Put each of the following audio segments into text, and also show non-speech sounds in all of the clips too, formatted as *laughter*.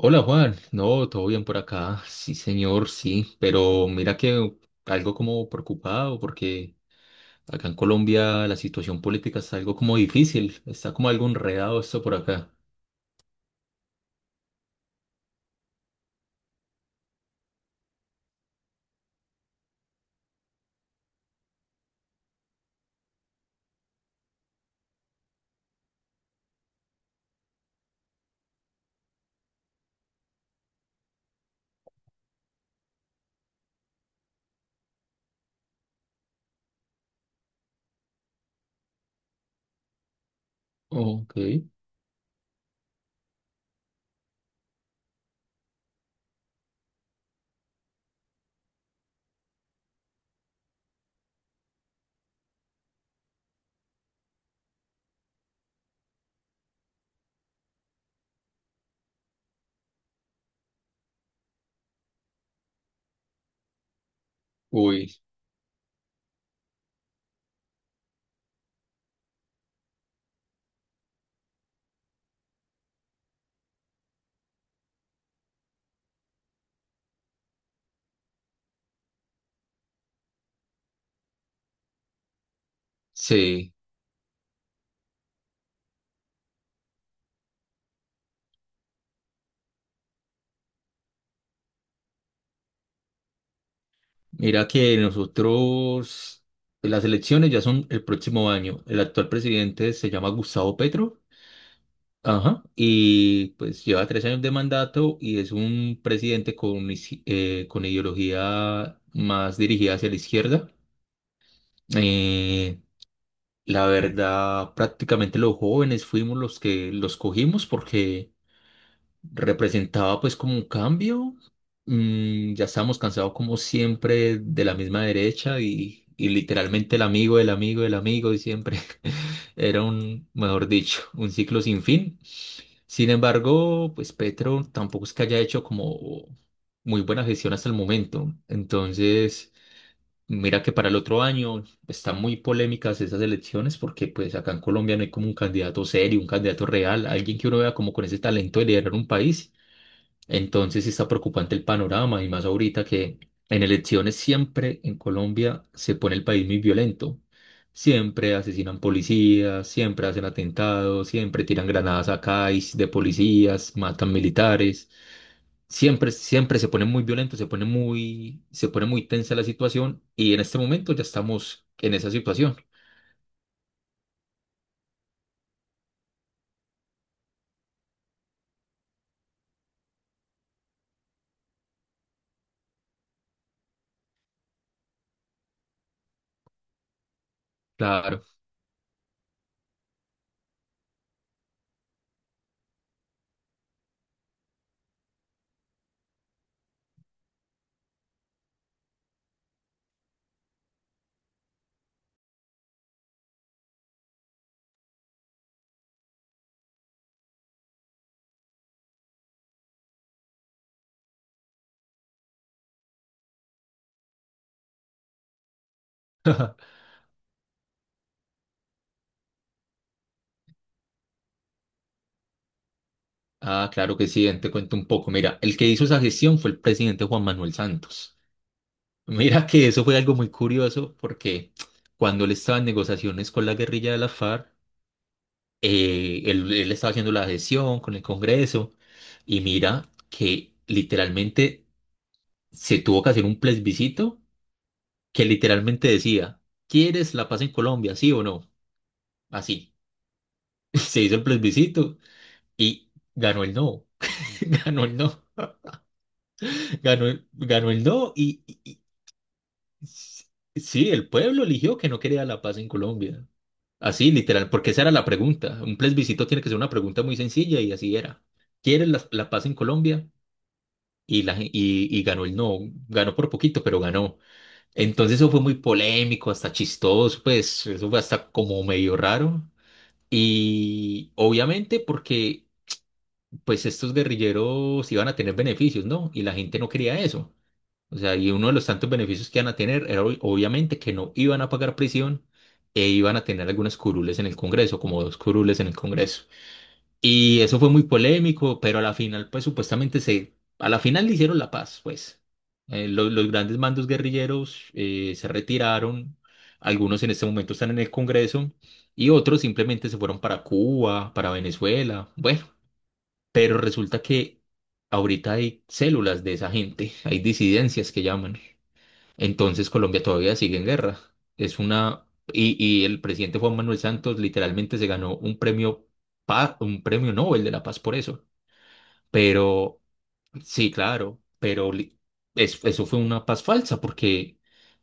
Hola Juan, no, todo bien por acá, sí señor, sí, pero mira que algo como preocupado porque acá en Colombia la situación política está algo como difícil, está como algo enredado esto por acá. Ok, uy, sí, mira que las elecciones ya son el próximo año, el actual presidente se llama Gustavo Petro. Ajá. Y pues lleva tres años de mandato y es un presidente con ideología más dirigida hacia la izquierda. Eh, la verdad, prácticamente los jóvenes fuimos los que los cogimos porque representaba pues como un cambio. Mm, ya estábamos cansados como siempre de la misma derecha y literalmente el amigo y siempre *laughs* era un, mejor dicho, un ciclo sin fin. Sin embargo, pues Petro tampoco es que haya hecho como muy buena gestión hasta el momento. Entonces, mira que para el otro año están muy polémicas esas elecciones porque pues acá en Colombia no hay como un candidato serio, un candidato real, alguien que uno vea como con ese talento de liderar un país. Entonces sí está preocupante el panorama y más ahorita que en elecciones siempre en Colombia se pone el país muy violento. Siempre asesinan policías, siempre hacen atentados, siempre tiran granadas a CAIS de policías, matan militares. Siempre, siempre se pone muy violento, se pone muy tensa la situación y en este momento ya estamos en esa situación. Claro. *laughs* Ah, claro que sí, te cuento un poco. Mira, el que hizo esa gestión fue el presidente Juan Manuel Santos. Mira que eso fue algo muy curioso porque cuando él estaba en negociaciones con la guerrilla de la FARC, él estaba haciendo la gestión con el Congreso y mira que literalmente se tuvo que hacer un plebiscito que literalmente decía, ¿quieres la paz en Colombia, sí o no? Así. *laughs* Se hizo el plebiscito y ganó el no. *laughs* Ganó el no, ganó el no y sí, el pueblo eligió que no quería la paz en Colombia. Así, literal, porque esa era la pregunta. Un plebiscito tiene que ser una pregunta muy sencilla y así era. ¿Quieres la, la paz en Colombia? Y, ganó el no, ganó por poquito, pero ganó. Entonces eso fue muy polémico, hasta chistoso, pues eso fue hasta como medio raro. Y obviamente porque pues estos guerrilleros iban a tener beneficios, ¿no? Y la gente no quería eso. O sea, y uno de los tantos beneficios que iban a tener era obviamente que no iban a pagar prisión e iban a tener algunas curules en el Congreso, como dos curules en el Congreso. Y eso fue muy polémico, pero a la final, pues supuestamente se, a la final le hicieron la paz, pues. Los grandes mandos guerrilleros se retiraron, algunos en este momento están en el Congreso y otros simplemente se fueron para Cuba, para Venezuela, bueno, pero resulta que ahorita hay células de esa gente, hay disidencias que llaman. Entonces Colombia todavía sigue en guerra. Es una y el presidente Juan Manuel Santos literalmente se ganó un premio un premio Nobel de la Paz por eso. Pero sí, claro, eso fue una paz falsa porque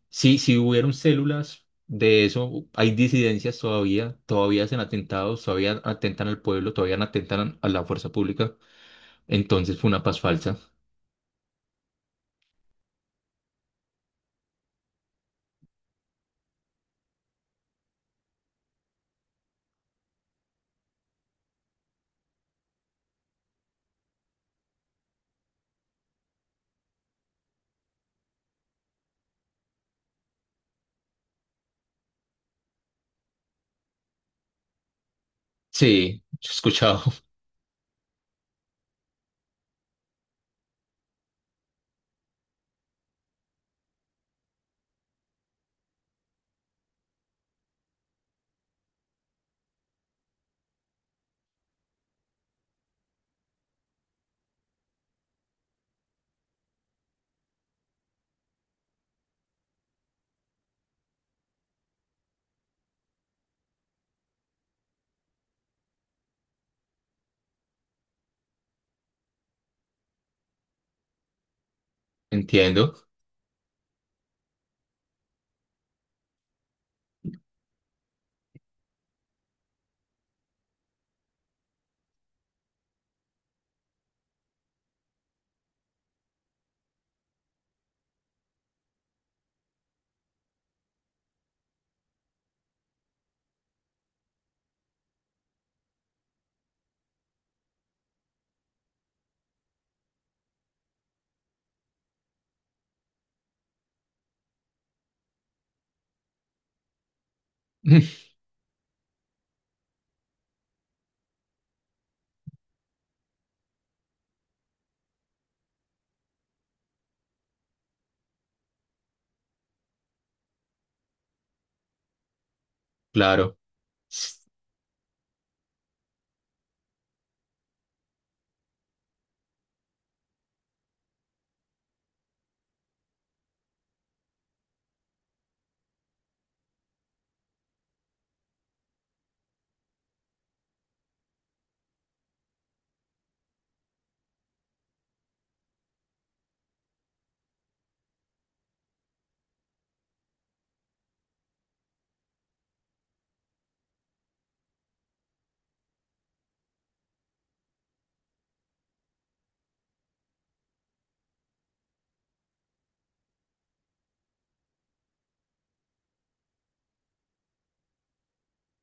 sí hubieron células de eso, hay disidencias todavía, todavía hacen atentados, todavía atentan al pueblo, todavía atentan a la fuerza pública. Entonces fue una paz falsa. Sí, yo he escuchado, *laughs* entiendo. *laughs* Claro, s-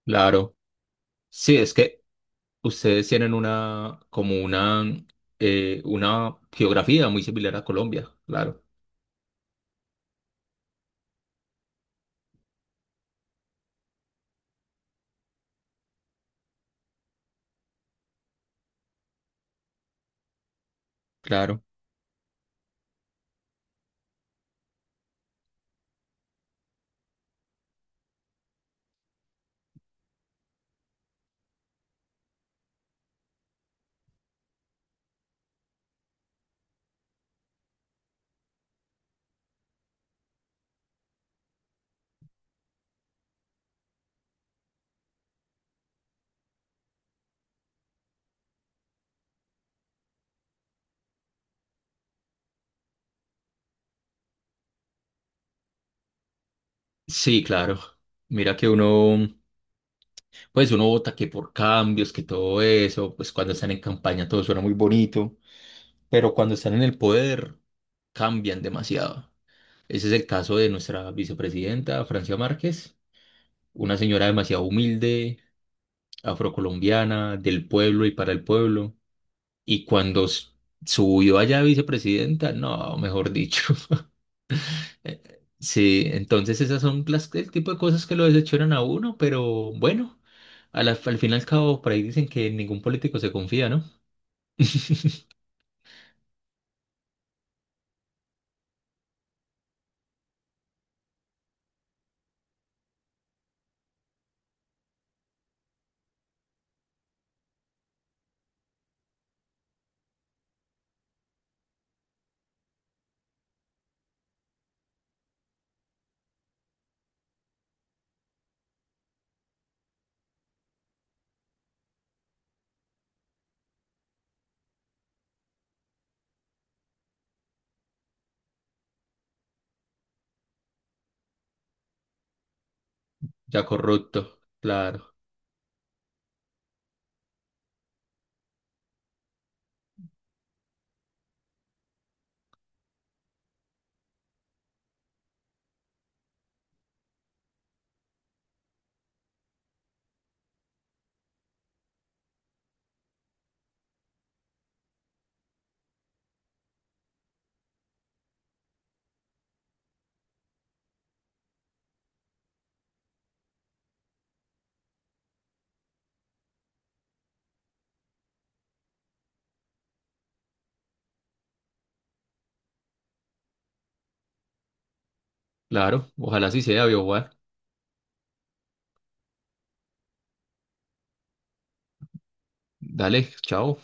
claro. Sí, es que ustedes tienen una geografía muy similar a Colombia, claro, claro. Sí, claro. Mira que uno, pues uno vota que por cambios, que todo eso, pues cuando están en campaña todo suena muy bonito, pero cuando están en el poder cambian demasiado. Ese es el caso de nuestra vicepresidenta, Francia Márquez, una señora demasiado humilde, afrocolombiana, del pueblo y para el pueblo. Y cuando subió allá a vicepresidenta, no, mejor dicho. *laughs* Sí, entonces esas son las, el tipo de cosas que lo desecharon a uno, pero bueno, al fin y al cabo, por ahí dicen que ningún político se confía, ¿no? *laughs* Ya corrupto, claro, claro, ojalá sí sea, viejo Juan. Dale, chao.